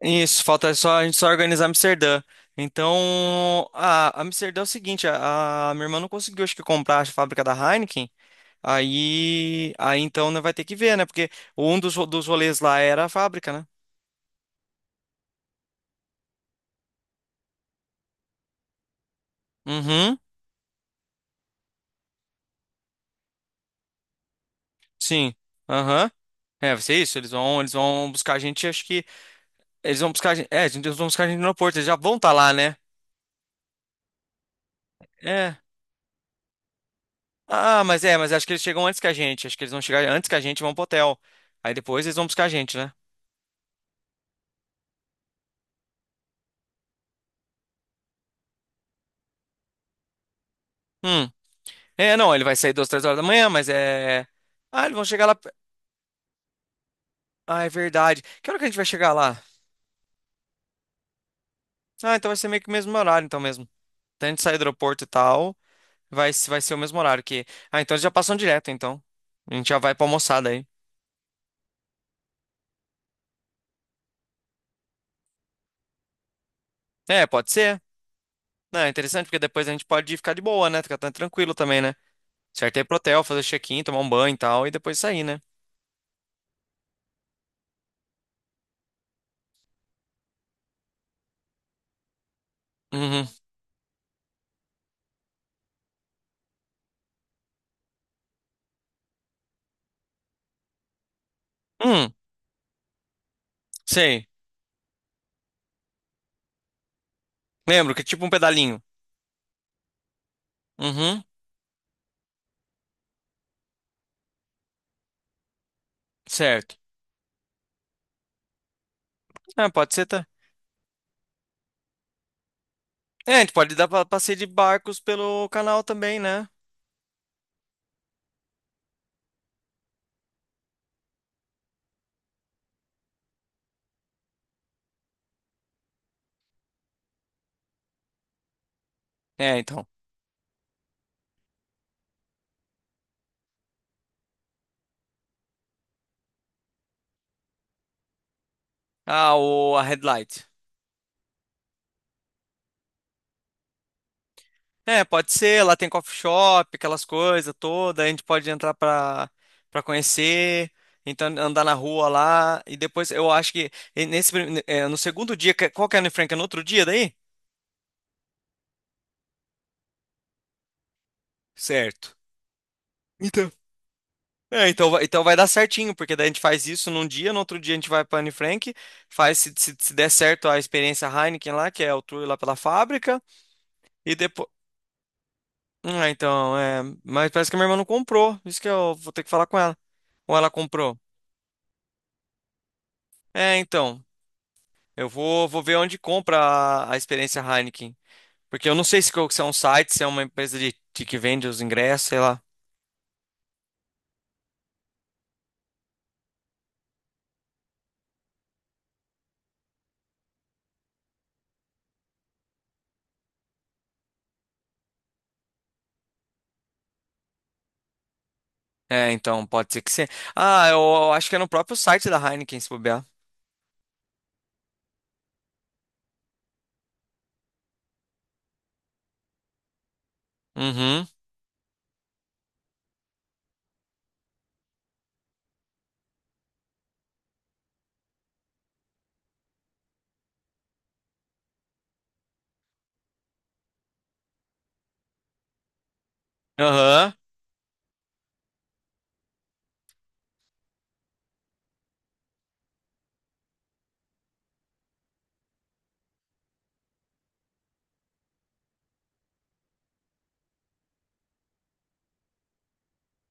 Isso, falta só a gente só organizar Amsterdã. Então, a Amsterdã é o seguinte, a minha irmã não conseguiu, acho que, comprar a fábrica da Heineken. Aí então, né, vai ter que ver, né? Porque um dos rolês lá era a fábrica, né? Uhum, sim. Aham. É, vai ser isso. Eles vão buscar a gente, acho que. Eles vão buscar a gente. É, eles vão buscar a gente no aeroporto, eles já vão estar lá, né? É. Ah, mas acho que eles chegam antes que a gente. Acho que eles vão chegar antes que a gente e vão pro hotel. Aí depois eles vão buscar a gente, né? Hum. É, não, ele vai sair duas, três horas da manhã, mas é. Ah, eles vão chegar lá. Ah, é verdade. Que hora que a gente vai chegar lá? Ah, então vai ser meio que o mesmo horário, então mesmo. Então a gente sair do aeroporto e tal, vai, se- vai ser o mesmo horário que. Ah, então eles já passam direto, então. A gente já vai pra almoçar daí. É, pode ser. Não, é interessante, porque depois a gente pode ficar de boa, né? Ficar tranquilo também, né? Certo, é ir pro hotel, fazer check-in, tomar um banho e tal, e depois sair, né? Uhum. Hum, sei. Lembro que é tipo um pedalinho. Uhum, certo. Ah, pode ser, tá? É, a gente pode dar passeio de barcos pelo canal também, né? É, então. Ah, o, a Headlight. É, pode ser. Lá tem coffee shop, aquelas coisas todas. A gente pode entrar pra conhecer. Então, andar na rua lá. E depois, eu acho que no segundo dia... Qual que é, Anne Frank? É no outro dia daí? Certo. Então. É, então, vai dar certinho, porque daí a gente faz isso num dia, no outro dia a gente vai para Anne Frank, faz se der certo a experiência Heineken lá, que é o tour lá pela fábrica, e depois. Ah, então, é. Mas parece que a minha irmã não comprou. Isso que eu vou ter que falar com ela. Ou ela comprou? É, então. Eu vou ver onde compra a experiência Heineken. Porque eu não sei se é um site, se é uma empresa de que vende os ingressos, sei lá. É, então, pode ser que sim. Ah, eu acho que é no próprio site da Heineken, se bobear. Uhum. Aham.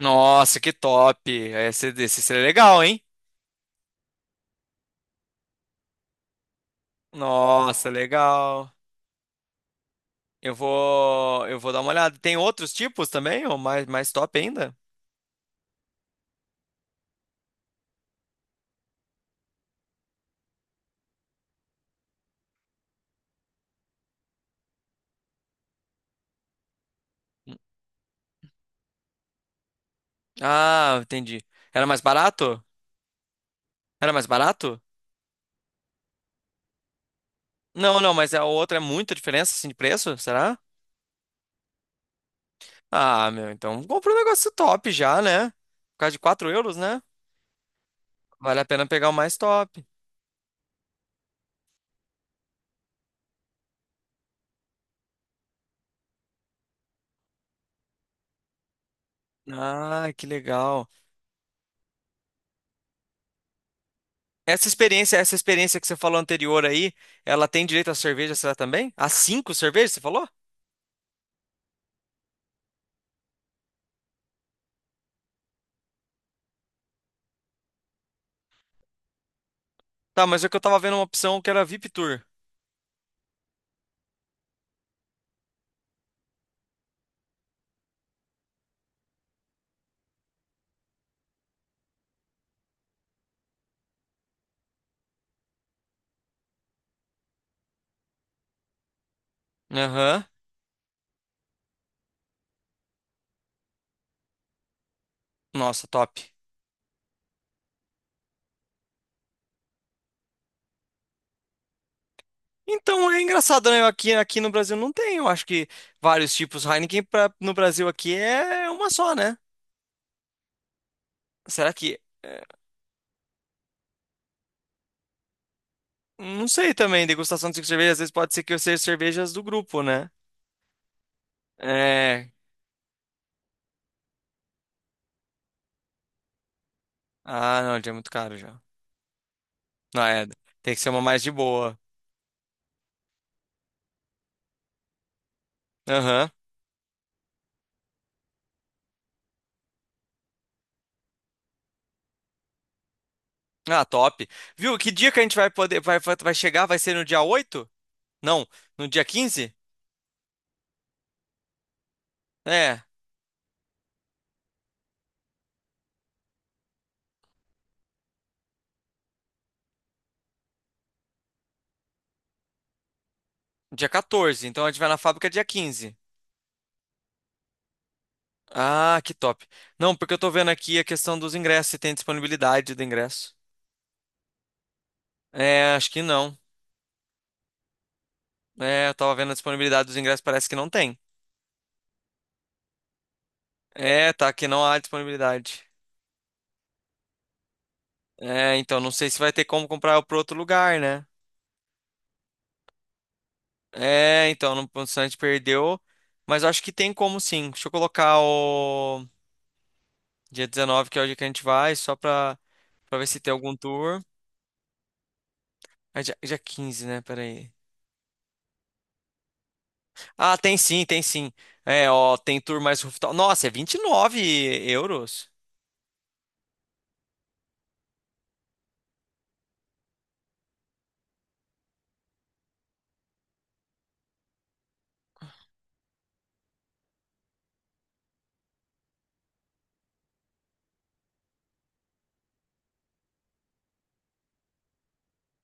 Nossa, que top. Esse seria legal, hein? Nossa, legal. Eu vou dar uma olhada. Tem outros tipos também? Ou mais top ainda? Ah, entendi. Era mais barato? Era mais barato? Não, não, mas a outra é muita diferença assim de preço, será? Ah, meu, então compra um negócio top já, né? Por causa de 4 euros, né? Vale a pena pegar o mais top. Ah, que legal. Essa experiência que você falou anterior aí, ela tem direito à cerveja, será também? A cinco cervejas, você falou? Tá, mas é que eu tava vendo uma opção que era VIP Tour. Aham. Nossa, top. Então é engraçado, né? Aqui no Brasil não tem, eu acho que vários tipos. Heineken pra, no Brasil aqui é uma só, né? Será que... é, não sei também, degustação de cinco cervejas, às vezes pode ser que eu seja cervejas do grupo, né? É. Ah, não, já é muito caro já. Não, é. Tem que ser uma mais de boa. Aham. Ah, top. Viu? Que dia que a gente vai poder. Vai chegar? Vai ser no dia 8? Não, no dia 15? É, dia 14. Então a gente vai na fábrica dia 15. Ah, que top. Não, porque eu tô vendo aqui a questão dos ingressos, se tem disponibilidade do ingresso. É, acho que não. É, eu tava vendo a disponibilidade dos ingressos, parece que não tem. É, tá, que não há disponibilidade. É, então, não sei se vai ter como comprar pro outro lugar, né? É, então, não, o Santos perdeu, mas eu acho que tem como sim. Deixa eu colocar o dia 19, que é o dia que a gente vai, só pra ver se tem algum tour. É dia 15, né? Peraí. Ah, tem sim, tem sim. É, ó, tem tour mais rooftop. Nossa, é 29 euros.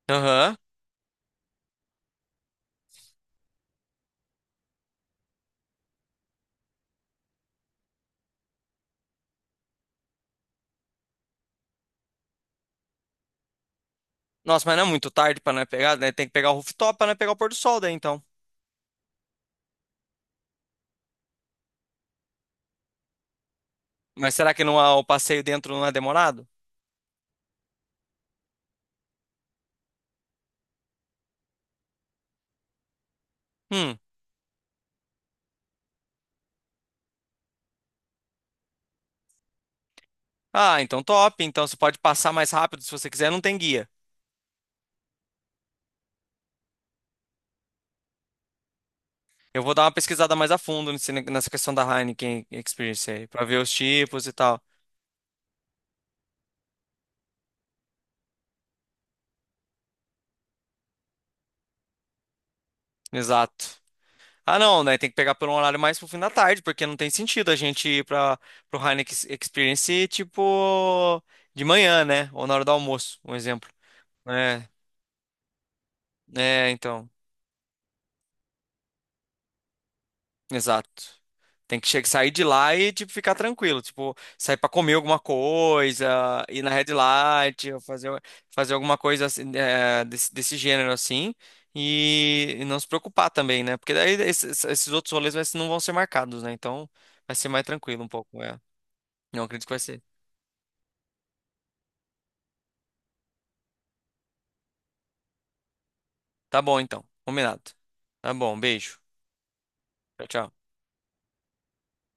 Aham. Nossa, mas não é muito tarde pra não pegar, né? Tem que pegar o rooftop pra não pegar o pôr do sol daí, então. Mas será que não, o passeio dentro não é demorado? Hum. Ah, então top. Então você pode passar mais rápido se você quiser, não tem guia. Eu vou dar uma pesquisada mais a fundo nessa questão da Heineken Experience aí, pra ver os tipos e tal. Exato. Ah, não, né? Tem que pegar por um horário mais pro fim da tarde, porque não tem sentido a gente ir para pro Heineken Experience tipo de manhã, né? Ou na hora do almoço, um exemplo. É, é, então, exato. Tem que sair de lá e tipo ficar tranquilo, tipo sair pra comer alguma coisa, ir na Red Light, ou fazer alguma coisa assim, desse gênero assim. E não se preocupar também, né? Porque daí esses outros rolês não vão ser marcados, né? Então vai ser mais tranquilo um pouco. É. Não acredito que vai ser. Tá bom, então. Combinado. Tá bom, beijo. Tchau, tchau.